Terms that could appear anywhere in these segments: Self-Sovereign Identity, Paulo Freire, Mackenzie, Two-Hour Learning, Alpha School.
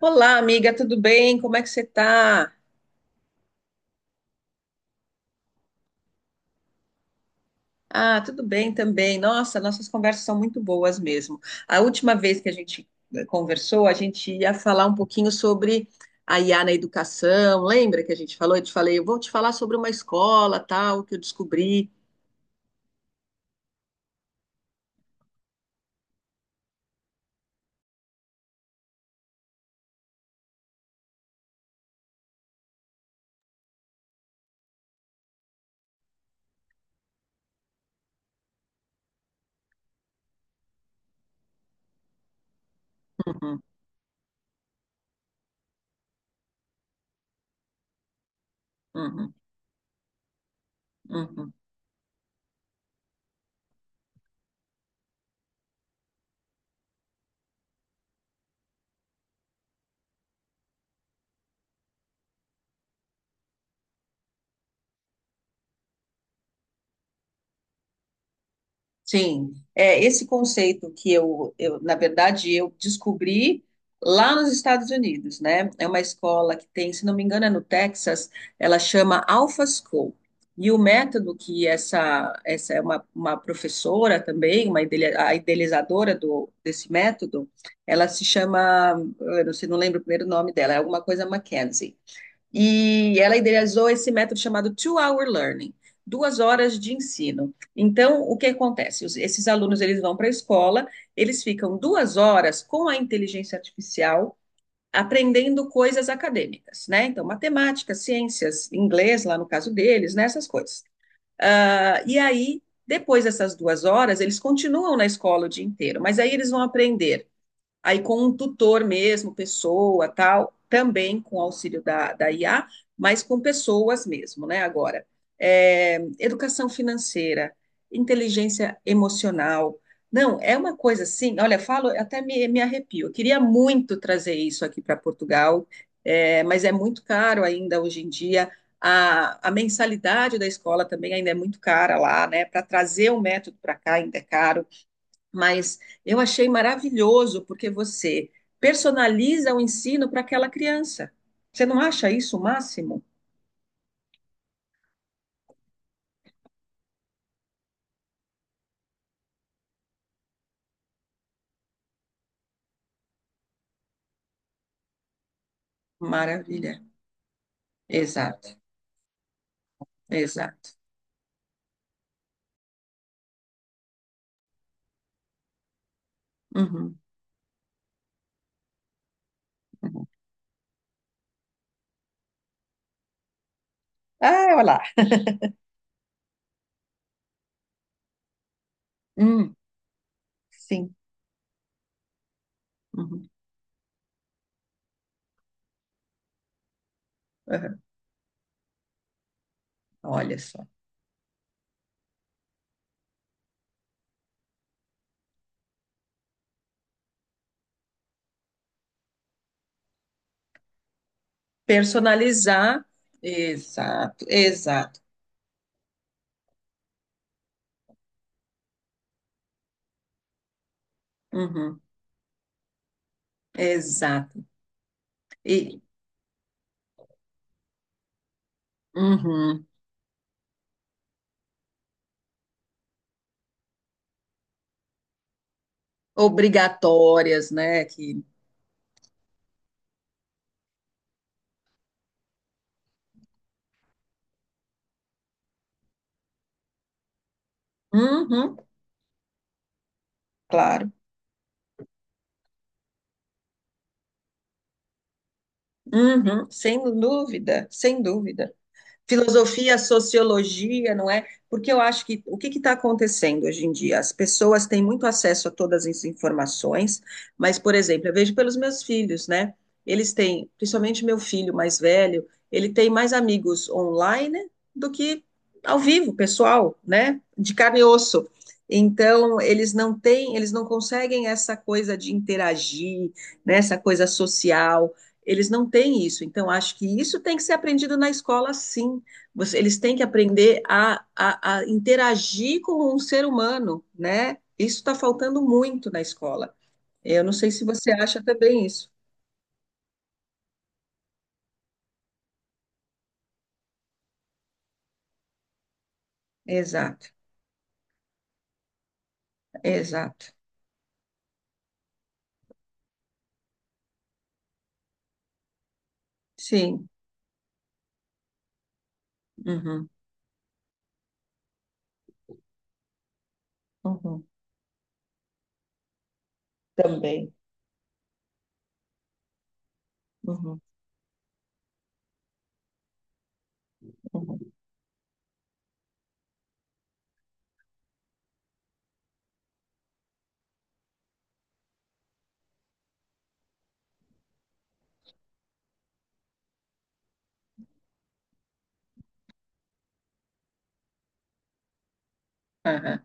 Olá, amiga, tudo bem? Como é que você tá? Ah, tudo bem também. Nossa, nossas conversas são muito boas mesmo. A última vez que a gente conversou, a gente ia falar um pouquinho sobre a IA na educação. Lembra que a gente falou? Eu te falei, eu vou te falar sobre uma escola, tal, que eu descobri. Uhum, uhum, uhum. Sim, é esse conceito que eu, na verdade, eu descobri lá nos Estados Unidos, né? É uma escola que tem, se não me engano, é no Texas, ela chama Alpha School. E o método que essa é uma professora também, uma a idealizadora do, desse método, ela se chama, eu não sei, não lembro o primeiro nome dela, é alguma coisa Mackenzie, e ela idealizou esse método chamado Two-Hour Learning, duas horas de ensino. Então, o que acontece? Esses alunos, eles vão para a escola, eles ficam duas horas com a inteligência artificial aprendendo coisas acadêmicas, né? Então, matemática, ciências, inglês, lá no caso deles, né? Essas coisas. Ah, e aí, depois dessas duas horas, eles continuam na escola o dia inteiro, mas aí eles vão aprender aí com um tutor mesmo, pessoa, tal, também com auxílio da IA, mas com pessoas mesmo, né? Agora, é, educação financeira, inteligência emocional. Não, é uma coisa assim, olha, falo, até me arrepio. Eu queria muito trazer isso aqui para Portugal, é, mas é muito caro ainda hoje em dia. A mensalidade da escola também ainda é muito cara lá, né? Para trazer o método para cá ainda é caro, mas eu achei maravilhoso porque você personaliza o ensino para aquela criança. Você não acha isso o máximo? Maravilha. Exato, exato. Uhum, uhum. Ah, olha lá. Hum, sim. Uhum, uhum. Olha só. Personalizar. Exato, exato. Uhum, exato. E uhum, obrigatórias, né? Que, uhum, claro. Uhum, sem dúvida, sem dúvida. Filosofia, sociologia, não é? Porque eu acho que o que está acontecendo hoje em dia? As pessoas têm muito acesso a todas as informações, mas, por exemplo, eu vejo pelos meus filhos, né? Eles têm, principalmente meu filho mais velho, ele tem mais amigos online do que ao vivo, pessoal, né? De carne e osso. Então, eles não têm, eles não conseguem essa coisa de interagir, né, essa coisa social. Eles não têm isso. Então, acho que isso tem que ser aprendido na escola, sim. Eles têm que aprender a interagir com um ser humano, né? Isso está faltando muito na escola. Eu não sei se você acha também isso. Exato, exato. Sim. Uhum, uhum. Também. Uhum, uhum. Aham.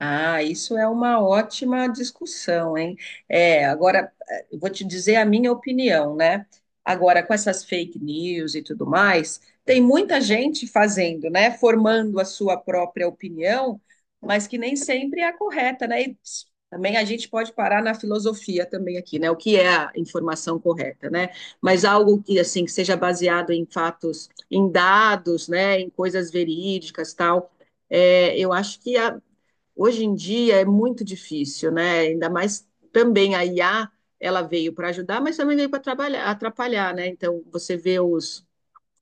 Ah, isso é uma ótima discussão, hein? É, agora, eu vou te dizer a minha opinião, né? Agora, com essas fake news e tudo mais, tem muita gente fazendo, né? Formando a sua própria opinião, mas que nem sempre é a correta, né? E ps, também a gente pode parar na filosofia também aqui, né? O que é a informação correta, né? Mas algo que, assim, que seja baseado em fatos, em dados, né? Em coisas verídicas, tal. É, eu acho que a- Hoje em dia é muito difícil, né? Ainda mais também a IA, ela veio para ajudar, mas também veio para atrapalhar, né? Então você vê os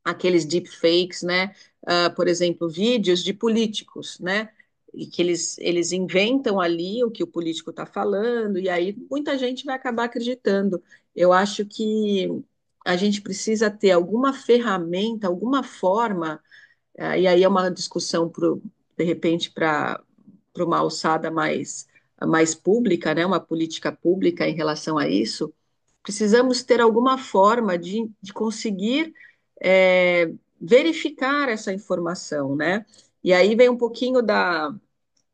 aqueles deepfakes, né? Ah, por exemplo, vídeos de políticos, né? E que eles inventam ali o que o político está falando, e aí muita gente vai acabar acreditando. Eu acho que a gente precisa ter alguma ferramenta, alguma forma e aí é uma discussão, para uma alçada mais pública, né? Uma política pública em relação a isso. Precisamos ter alguma forma de conseguir eh, verificar essa informação, né? E aí vem um pouquinho da,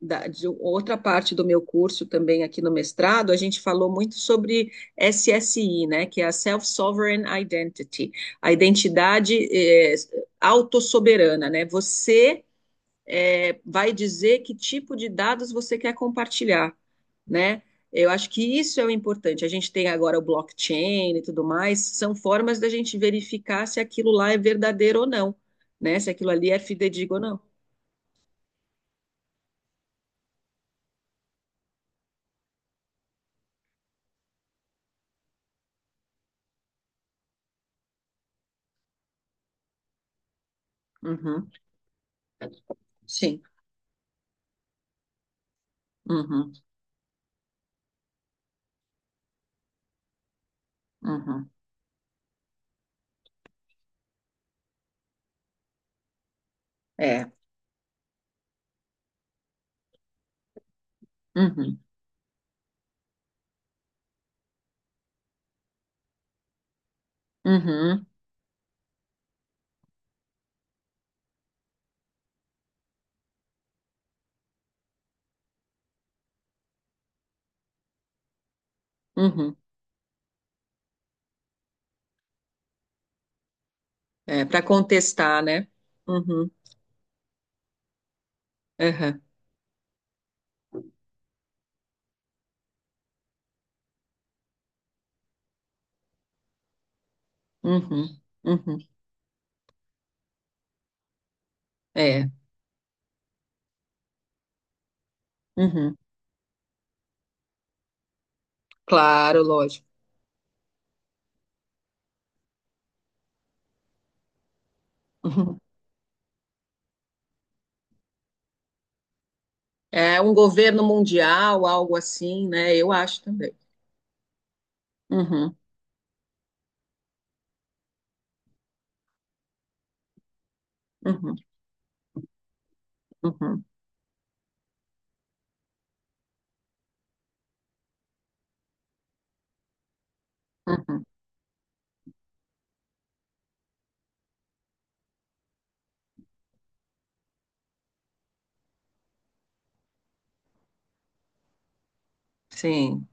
de outra parte do meu curso também aqui no mestrado, a gente falou muito sobre SSI, né, que é a Self-Sovereign Identity, a identidade autossoberana, né? Você vai dizer que tipo de dados você quer compartilhar, né? Eu acho que isso é o importante. A gente tem agora o blockchain e tudo mais, são formas da gente verificar se aquilo lá é verdadeiro ou não, né? Se aquilo ali é fidedigno ou não. Uhum, sim. Uhum, uhum. É. Uhum, uhum, uhum. É, para contestar, né? Uhum, aham, uhum, uhum, é, uhum. Claro, lógico. Uhum. É um governo mundial, algo assim, né? Eu acho também. Uhum, uhum, uhum, uhum. Sim.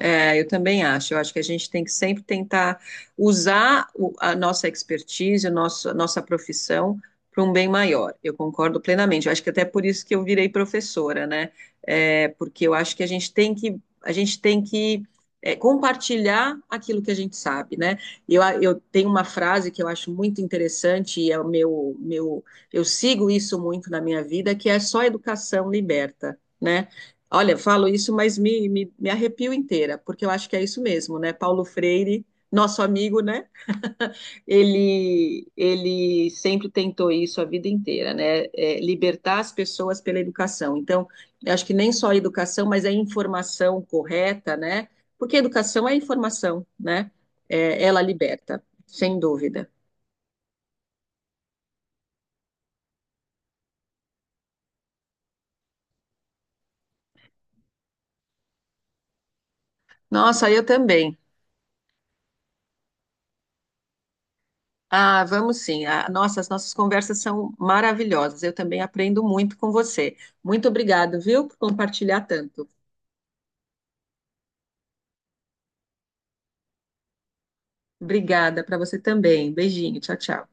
É, eu também acho. Eu acho que a gente tem que sempre tentar usar a nossa expertise, o nosso, a nossa profissão para um bem maior. Eu concordo plenamente. Eu acho que até por isso que eu virei professora, né? É, porque eu acho que a gente tem que é, compartilhar aquilo que a gente sabe, né? Eu tenho uma frase que eu acho muito interessante e é o eu sigo isso muito na minha vida, que é só educação liberta, né? Olha, falo isso, mas me arrepio inteira, porque eu acho que é isso mesmo, né? Paulo Freire, nosso amigo, né? Ele sempre tentou isso a vida inteira, né? É, libertar as pessoas pela educação. Então, eu acho que nem só a educação, mas a informação correta, né? Porque a educação é informação, né? É, ela liberta, sem dúvida. Nossa, eu também. Ah, vamos sim. Ah, nossa, as nossas conversas são maravilhosas. Eu também aprendo muito com você. Muito obrigado, viu, por compartilhar tanto. Obrigada para você também. Beijinho, tchau, tchau.